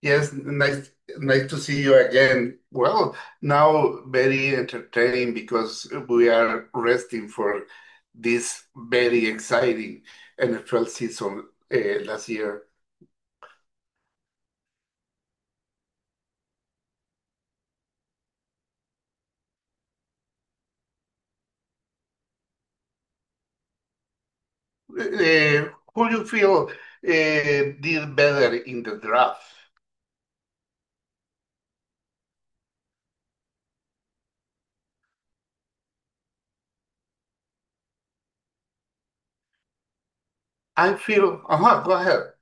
Yes, nice to see you again. Well, now very entertaining because we are resting for this very exciting NFL season last year. Uh, who do you feel did better in the draft? I feel, go ahead.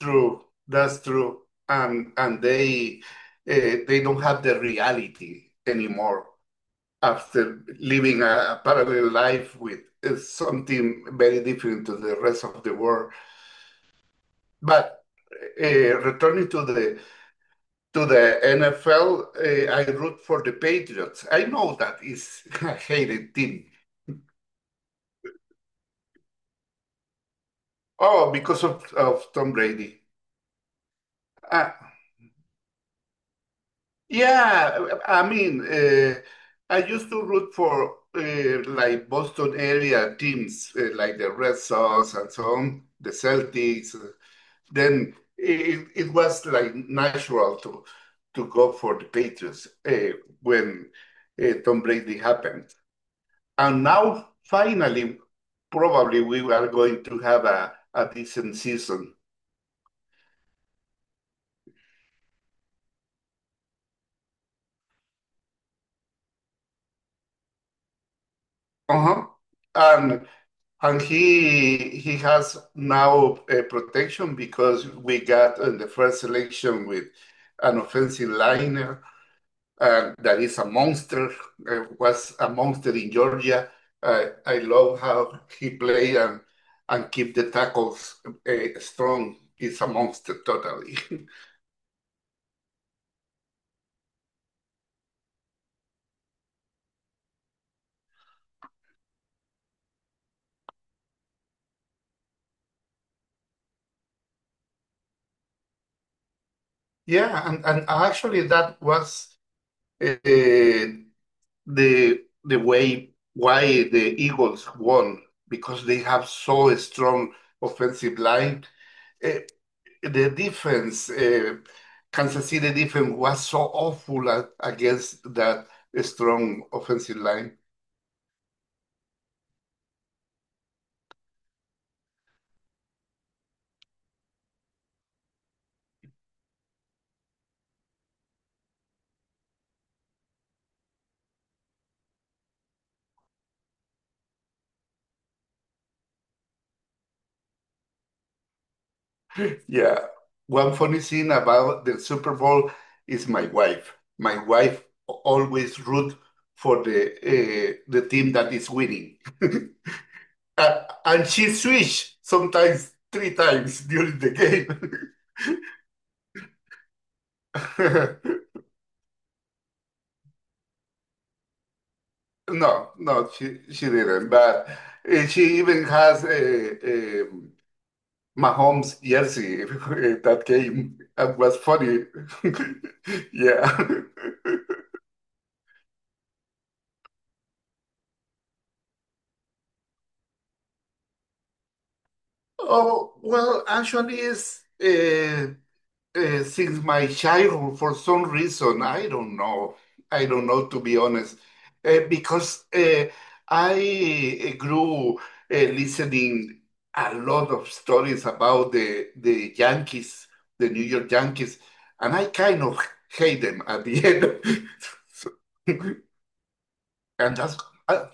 True, that's true. And they, they don't have the reality anymore after living a parallel life with, something very different to the rest of the world. But returning to the NFL, I root for the Patriots. I know that is a hated team. Oh, because of Tom Brady. Ah, yeah, I mean, I used to root for like Boston area teams, like the Red Sox and so on, the Celtics. Then it was like natural to go for the Patriots, when Tom Brady happened. And now finally, probably we are going to have a decent season. Uh-huh. And And he has now, protection because we got in the first selection with an offensive liner that is a monster, was a monster in Georgia. I love how he played and keep the tackles, strong. He's a monster, totally. Yeah, and actually that was, uh, the way why the Eagles won because they have so a strong offensive line. Eh, the defense, Kansas City defense was so awful against that strong offensive line. Yeah. One funny thing about the Super Bowl is my wife. My wife always root for the, the team that is winning. And she switch sometimes three times during the game. No, no, she didn't. But she even has a Mahomes jersey that came and was funny. Yeah. Oh, well, actually, it's uh, since my childhood, for some reason, I don't know. I don't know, to be honest, because I eh, grew, listening a lot of stories about the Yankees, the New York Yankees, and I kind of hate them at the end. So, and that's uh,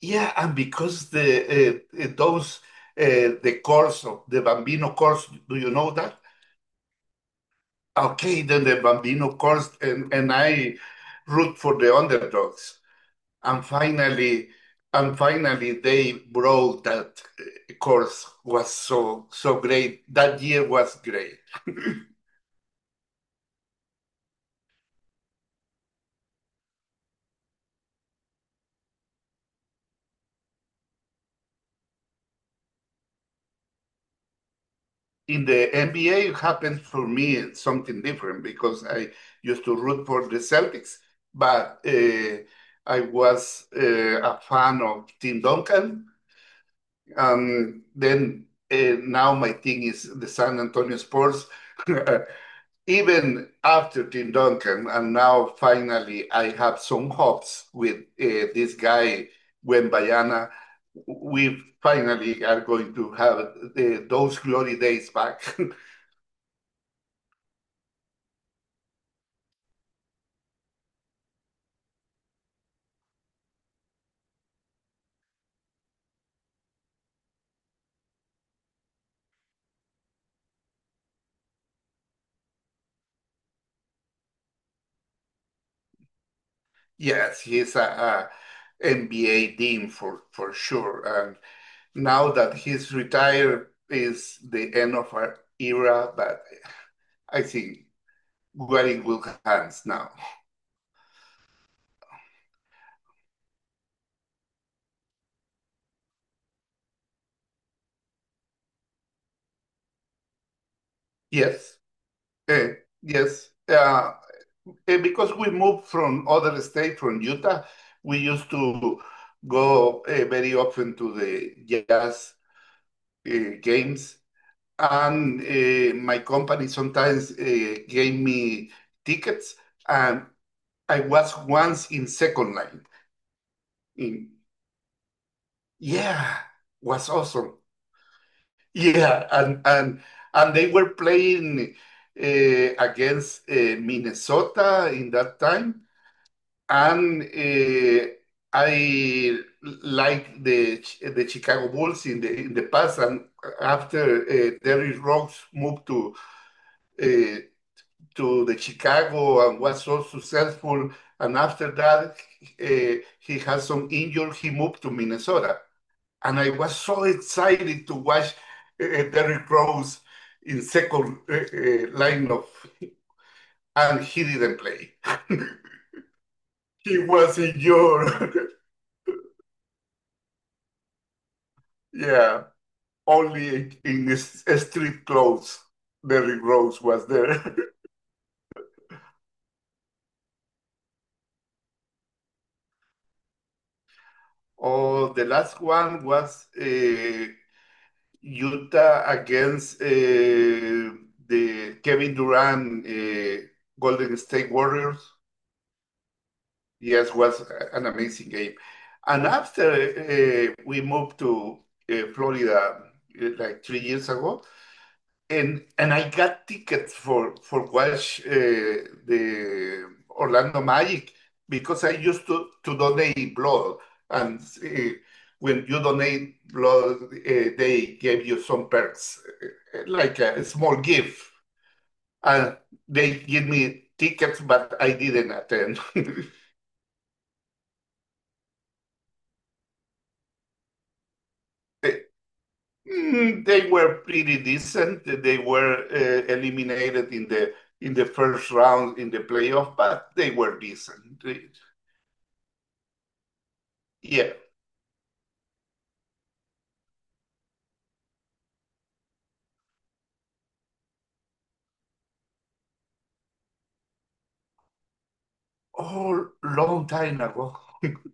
yeah, and because the those, the course of the Bambino course, do you know that? Okay, then the Bambino, of course, and I root for the underdogs. And finally, and finally, they brought that, course was so so great. That year was great. In the NBA, it happened for me something different because I used to root for the Celtics, but I was, a fan of Tim Duncan. And then, now my thing is the San Antonio Spurs. Even after Tim Duncan, and now finally I have some hopes with, this guy, Wembayana. We finally are going to have the, those glory days back. Yes, he's a, NBA dean for sure. And now that he's retired is the end of our era, but I think we're in good hands now. Yes, eh, yes. And because we moved from other state, from Utah, we used to go, very often to the jazz, games. And my company sometimes, gave me tickets. And I was once in second line. In, yeah, was awesome. Yeah, and they were playing, uh, against, Minnesota in that time. And I like the Chicago Bulls in the past, and after, Derrick Rose moved uh, to the Chicago and was so successful, and after that, uh, he had some injury, he moved to Minnesota, and I was so excited to watch, uh, Derrick Rose in second line of, and he didn't play. He was injured. Yeah. Only in this street clothes, Derrick Rose was there. Oh, the last one was, Utah against, the Kevin Durant, Golden State Warriors. Yes, was an amazing game. And after, we moved to Florida, like 3 years ago. And I got tickets for watch, the Orlando Magic because I used to donate blood, and when you donate blood, they gave you some perks, like a small gift, and they give me tickets, but I didn't attend. They mm, they were pretty decent. They were, eliminated in the first round in the playoff, but they were decent. They, yeah, all long time ago.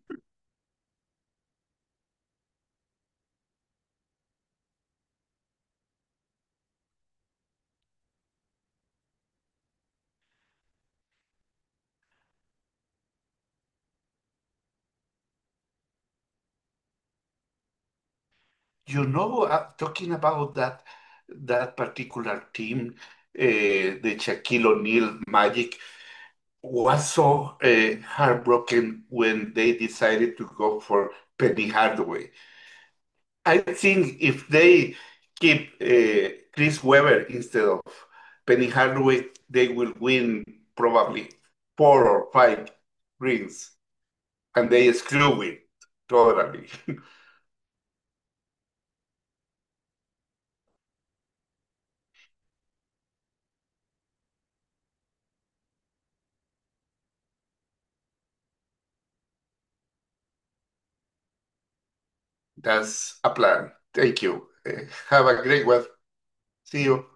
You know, talking about that particular team, the Shaquille O'Neal Magic was so, heartbroken when they decided to go for Penny Hardaway. I think if they keep, Chris Webber instead of Penny Hardaway, they will win probably four or five rings, and they screw it totally. That's a plan. Thank you. Have a great one. See you.